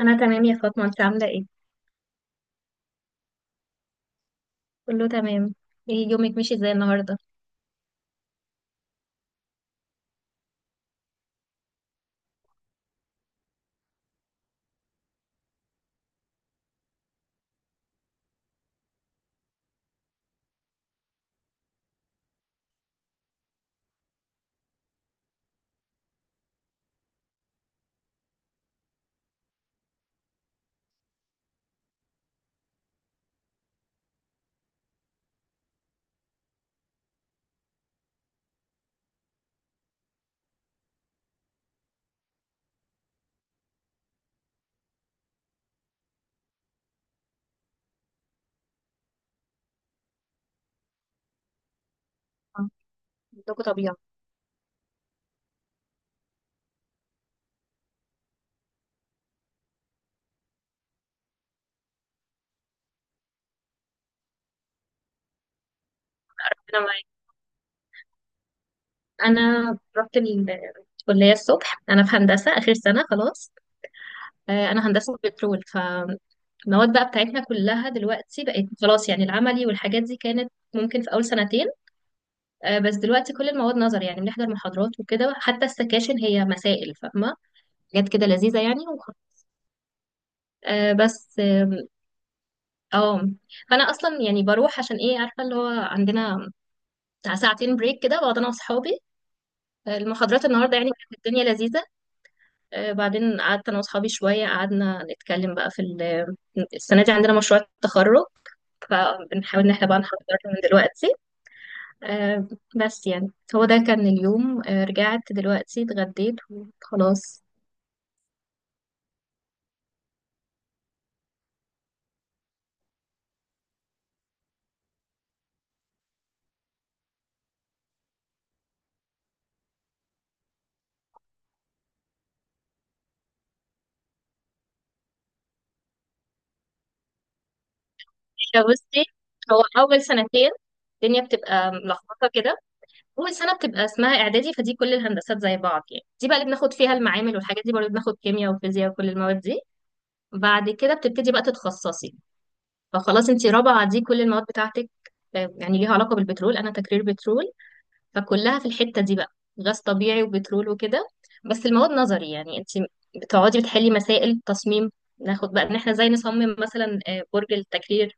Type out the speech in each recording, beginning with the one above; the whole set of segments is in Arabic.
انا تمام يا فاطمه، انت عامله ايه؟ كله تمام. ايه، يومك ماشي ازاي النهارده؟ آه، عندكم طبيعة؟ انا معاك. انا رحت الكليه الصبح. انا في هندسه اخر سنه خلاص. انا هندسه بترول، فالمواد بقى بتاعتنا كلها دلوقتي بقت خلاص، يعني العملي والحاجات دي كانت ممكن في اول سنتين. بس دلوقتي كل المواد نظري، يعني بنحضر محاضرات وكده، حتى السكاشن هي مسائل فاهمه، حاجات كده لذيذه يعني. وخ- آه، بس اه آه. فانا اصلا يعني بروح عشان ايه، عارفه اللي هو، عندنا بتاع ساعتين بريك كده بقعد انا واصحابي المحاضرات النهارده. يعني كانت الدنيا لذيذه. بعدين قعدت انا واصحابي شويه، قعدنا نتكلم بقى في السنه دي عندنا مشروع التخرج، فبنحاول ان احنا بقى نحضره من دلوقتي. آه، بس يعني هو ده كان اليوم. رجعت دلوقتي، اتغديت وخلاص. هي بصي، هو اول سنتين الدنيا بتبقى ملخبطه كده. اول سنه بتبقى اسمها اعدادي، فدي كل الهندسات زي بعض، يعني دي بقى اللي بناخد فيها المعامل والحاجات دي، برضه بناخد كيمياء وفيزياء وكل المواد دي. بعد كده بتبتدي بقى تتخصصي، فخلاص انت رابعة دي كل المواد بتاعتك يعني ليها علاقة بالبترول. انا تكرير بترول، فكلها في الحتة دي بقى، غاز طبيعي وبترول وكده. بس المواد نظري، يعني انت بتقعدي بتحلي مسائل تصميم، ناخد بقى ان احنا ازاي نصمم مثلا برج التكرير،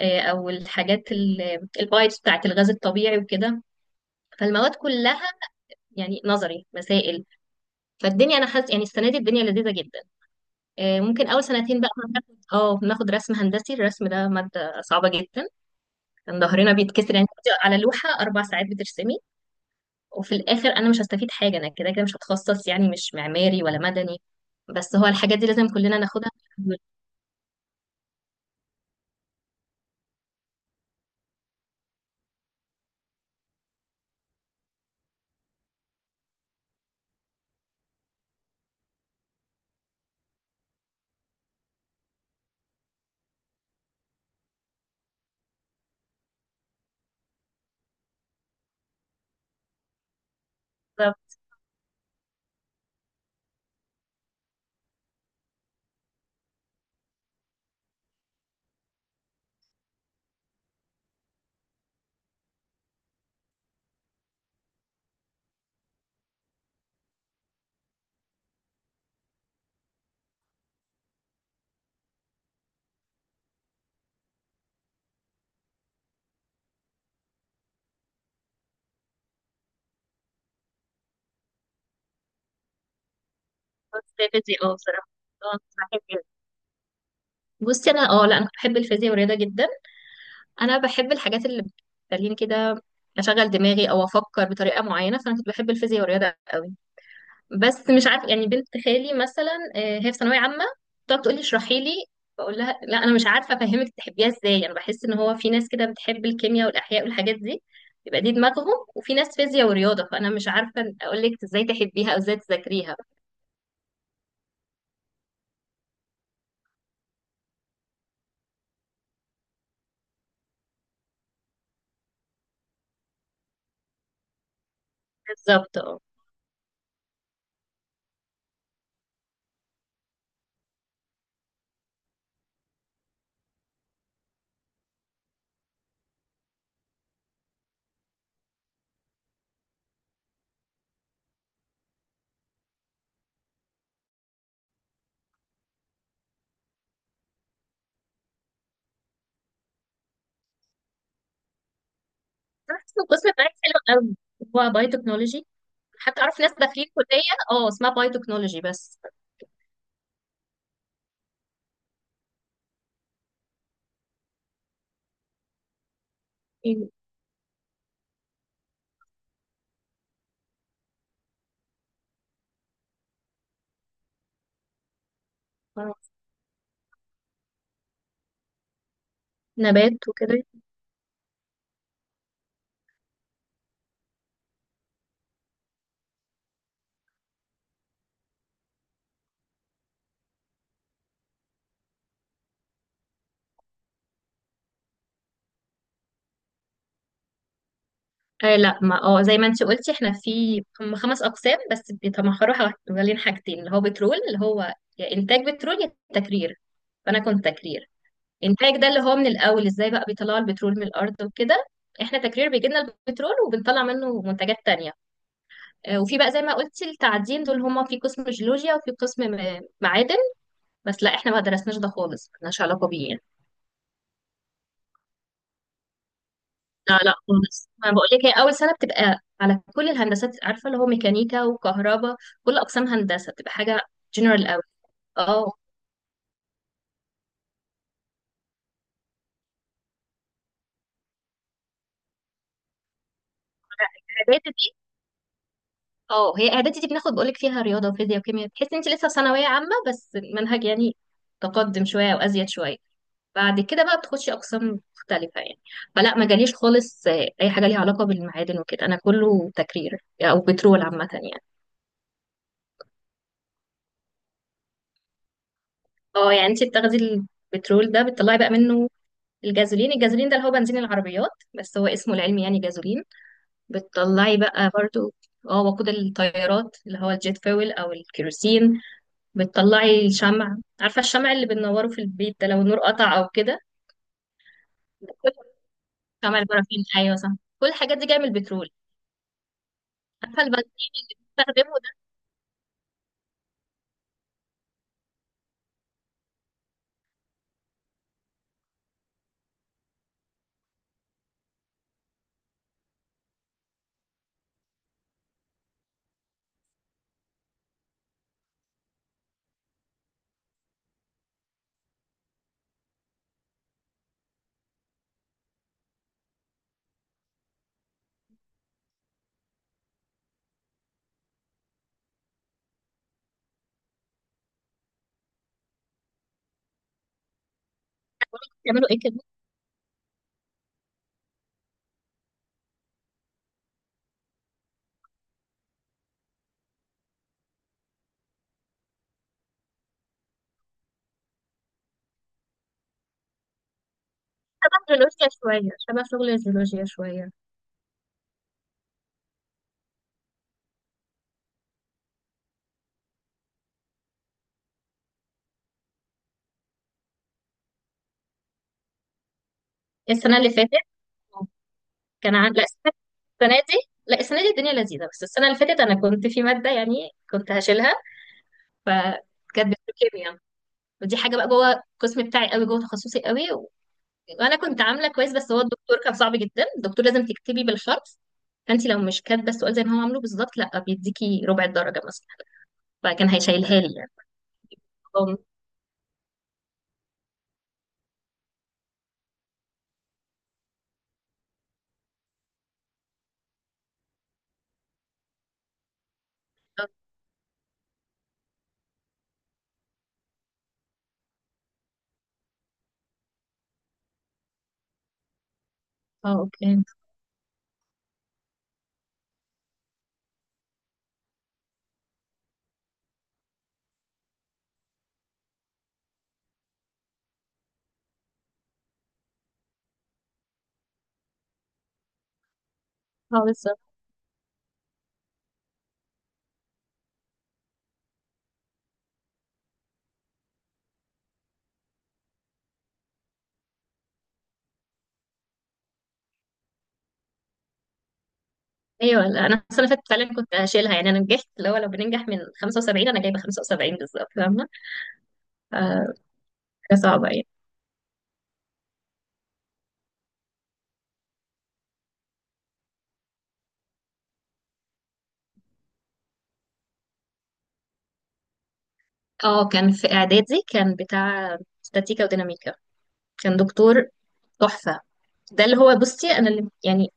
او الحاجات ال- آه، البايبس بتاعت الغاز الطبيعي وكده. فالمواد كلها يعني نظري مسائل. فالدنيا انا حاسه يعني السنه دي الدنيا لذيذه جدا. ممكن اول سنتين بقى بناخد رسم هندسي. الرسم ده ماده صعبه جدا. كان ظهرنا بيتكسر، يعني كنت على لوحه اربع ساعات بترسمي. وفي الاخر انا مش هستفيد حاجه، انا كده كده مش هتخصص يعني مش معماري ولا مدني، بس هو الحاجات دي لازم كلنا ناخدها. بالظبط. الفيزياء، بصراحه، اه بحب الفيزياء. بصي، انا لا، انا كنت بحب الفيزياء والرياضه جدا. انا بحب الحاجات اللي بتخليني كده اشغل دماغي او افكر بطريقه معينه، فانا كنت بحب الفيزياء والرياضه قوي. بس مش عارف يعني بنت خالي مثلا، هي في ثانويه عامه، بتقعد تقول لي اشرحي لي. بقول لها لا، انا مش عارفه افهمك تحبيها ازاي. انا بحس ان هو في ناس كده بتحب الكيمياء والاحياء والحاجات دي، يبقى دي دماغهم، وفي ناس فيزياء ورياضه. فانا مش عارفه اقول لك ازاي تحبيها او ازاي تذاكريها. بالظبط. اه أنا حاسة إن القسم بتاعي حلو قوي، هو باي تكنولوجي. حتى اعرف ناس داخلين كليه اه اسمها باي تكنولوجي بس. إيه، آه، نبات وكده. لا، ما اه زي ما انت قلتي احنا في هم خمس اقسام، بس بيتمحوروا حوالين حاجتين، اللي هو بترول، اللي هو يا انتاج بترول يا تكرير. فانا كنت تكرير. انتاج ده اللي هو من الاول ازاي بقى بيطلعوا البترول من الارض وكده. احنا تكرير بيجي لنا البترول، وبنطلع منه منتجات تانية. وفي بقى زي ما قلتي التعدين، دول هما في قسم جيولوجيا وفي قسم معادن. بس لا احنا ما درسناش ده خالص، ملناش علاقة بيه يعني. لا لا خالص، ما بقول لك، هي اول سنه بتبقى على كل الهندسات، عارفه اللي هو ميكانيكا وكهرباء، كل اقسام هندسه بتبقى حاجه جنرال قوي. اه اعدادي دي اه هي اعدادي دي بناخد، بقول لك فيها رياضه وفيزياء وكيمياء، تحس انت لسه في ثانويه عامه بس المنهج يعني تقدم شويه وازيد شويه. بعد كده بقى بتخشي اقسام مختلفه يعني. فلا، ما جاليش خالص اي حاجه ليها علاقه بالمعادن وكده، انا كله تكرير او بترول عامه يعني. اه يعني انت بتاخدي البترول ده، بتطلعي بقى منه الجازولين. الجازولين ده اللي هو بنزين العربيات، بس هو اسمه العلمي يعني جازولين. بتطلعي بقى برضو اه وقود الطيارات، اللي هو الجيت فويل او الكيروسين. بتطلعي الشمع، عارفه الشمع اللي بننوره في البيت ده لو النور قطع او كده. شمع البرافين، ايوه صح. كل الحاجات دي جايه من البترول. عارفه البنزين اللي بنستخدمه ده بيعملوا ايه كده. شبه جيولوجيا شويه، شبه شغل الجيولوجيا شويه. السنه اللي فاتت لا، السنه، السنة دي، لا، السنه دي الدنيا لذيذه. بس السنه اللي فاتت انا كنت في ماده يعني كنت هشيلها، فكانت بتروكيميا. ودي حاجه بقى جوه القسم بتاعي قوي، جوه تخصصي قوي، وانا كنت عامله كويس، بس هو الدكتور كان صعب جدا. الدكتور لازم تكتبي بالحرف، فانت لو مش كاتبه السؤال زي ما هو عامله بالظبط لا بيديكي ربع الدرجه مثلا. فكان هيشيلها لي يعني. اه اوكي. اه بالظبط. ايوه، لا انا السنه اللي فاتت فعلا كنت هشيلها. يعني انا نجحت، اللي هو لو بننجح من 75، انا جايبه 75 بالظبط. فاهمه؟ آه، حاجه صعبه يعني. اه كان في اعدادي، كان بتاع استاتيكا وديناميكا. كان دكتور تحفه. ده اللي هو بصي، انا اللي يعني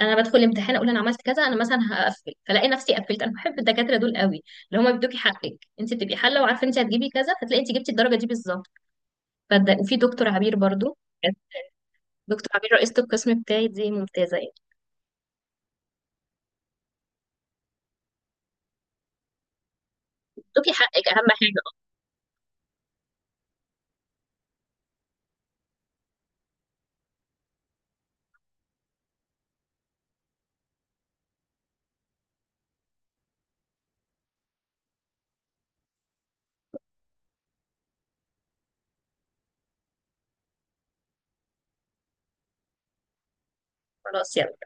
انا بدخل الامتحان اقول انا عملت كذا، انا مثلا هقفل فلاقي نفسي قفلت. انا بحب الدكاتره دول قوي، اللي هم بيدوكي حقك، انت بتبقي حله وعارفه انت هتجيبي كذا، فتلاقي انت جبتي الدرجه دي بالظبط. فده، وفي دكتور عبير برضو. دكتور عبير رئيسه القسم بتاعي، دي ممتازه يعني. بتدوكي حقك اهم حاجه. خلاص، يلا.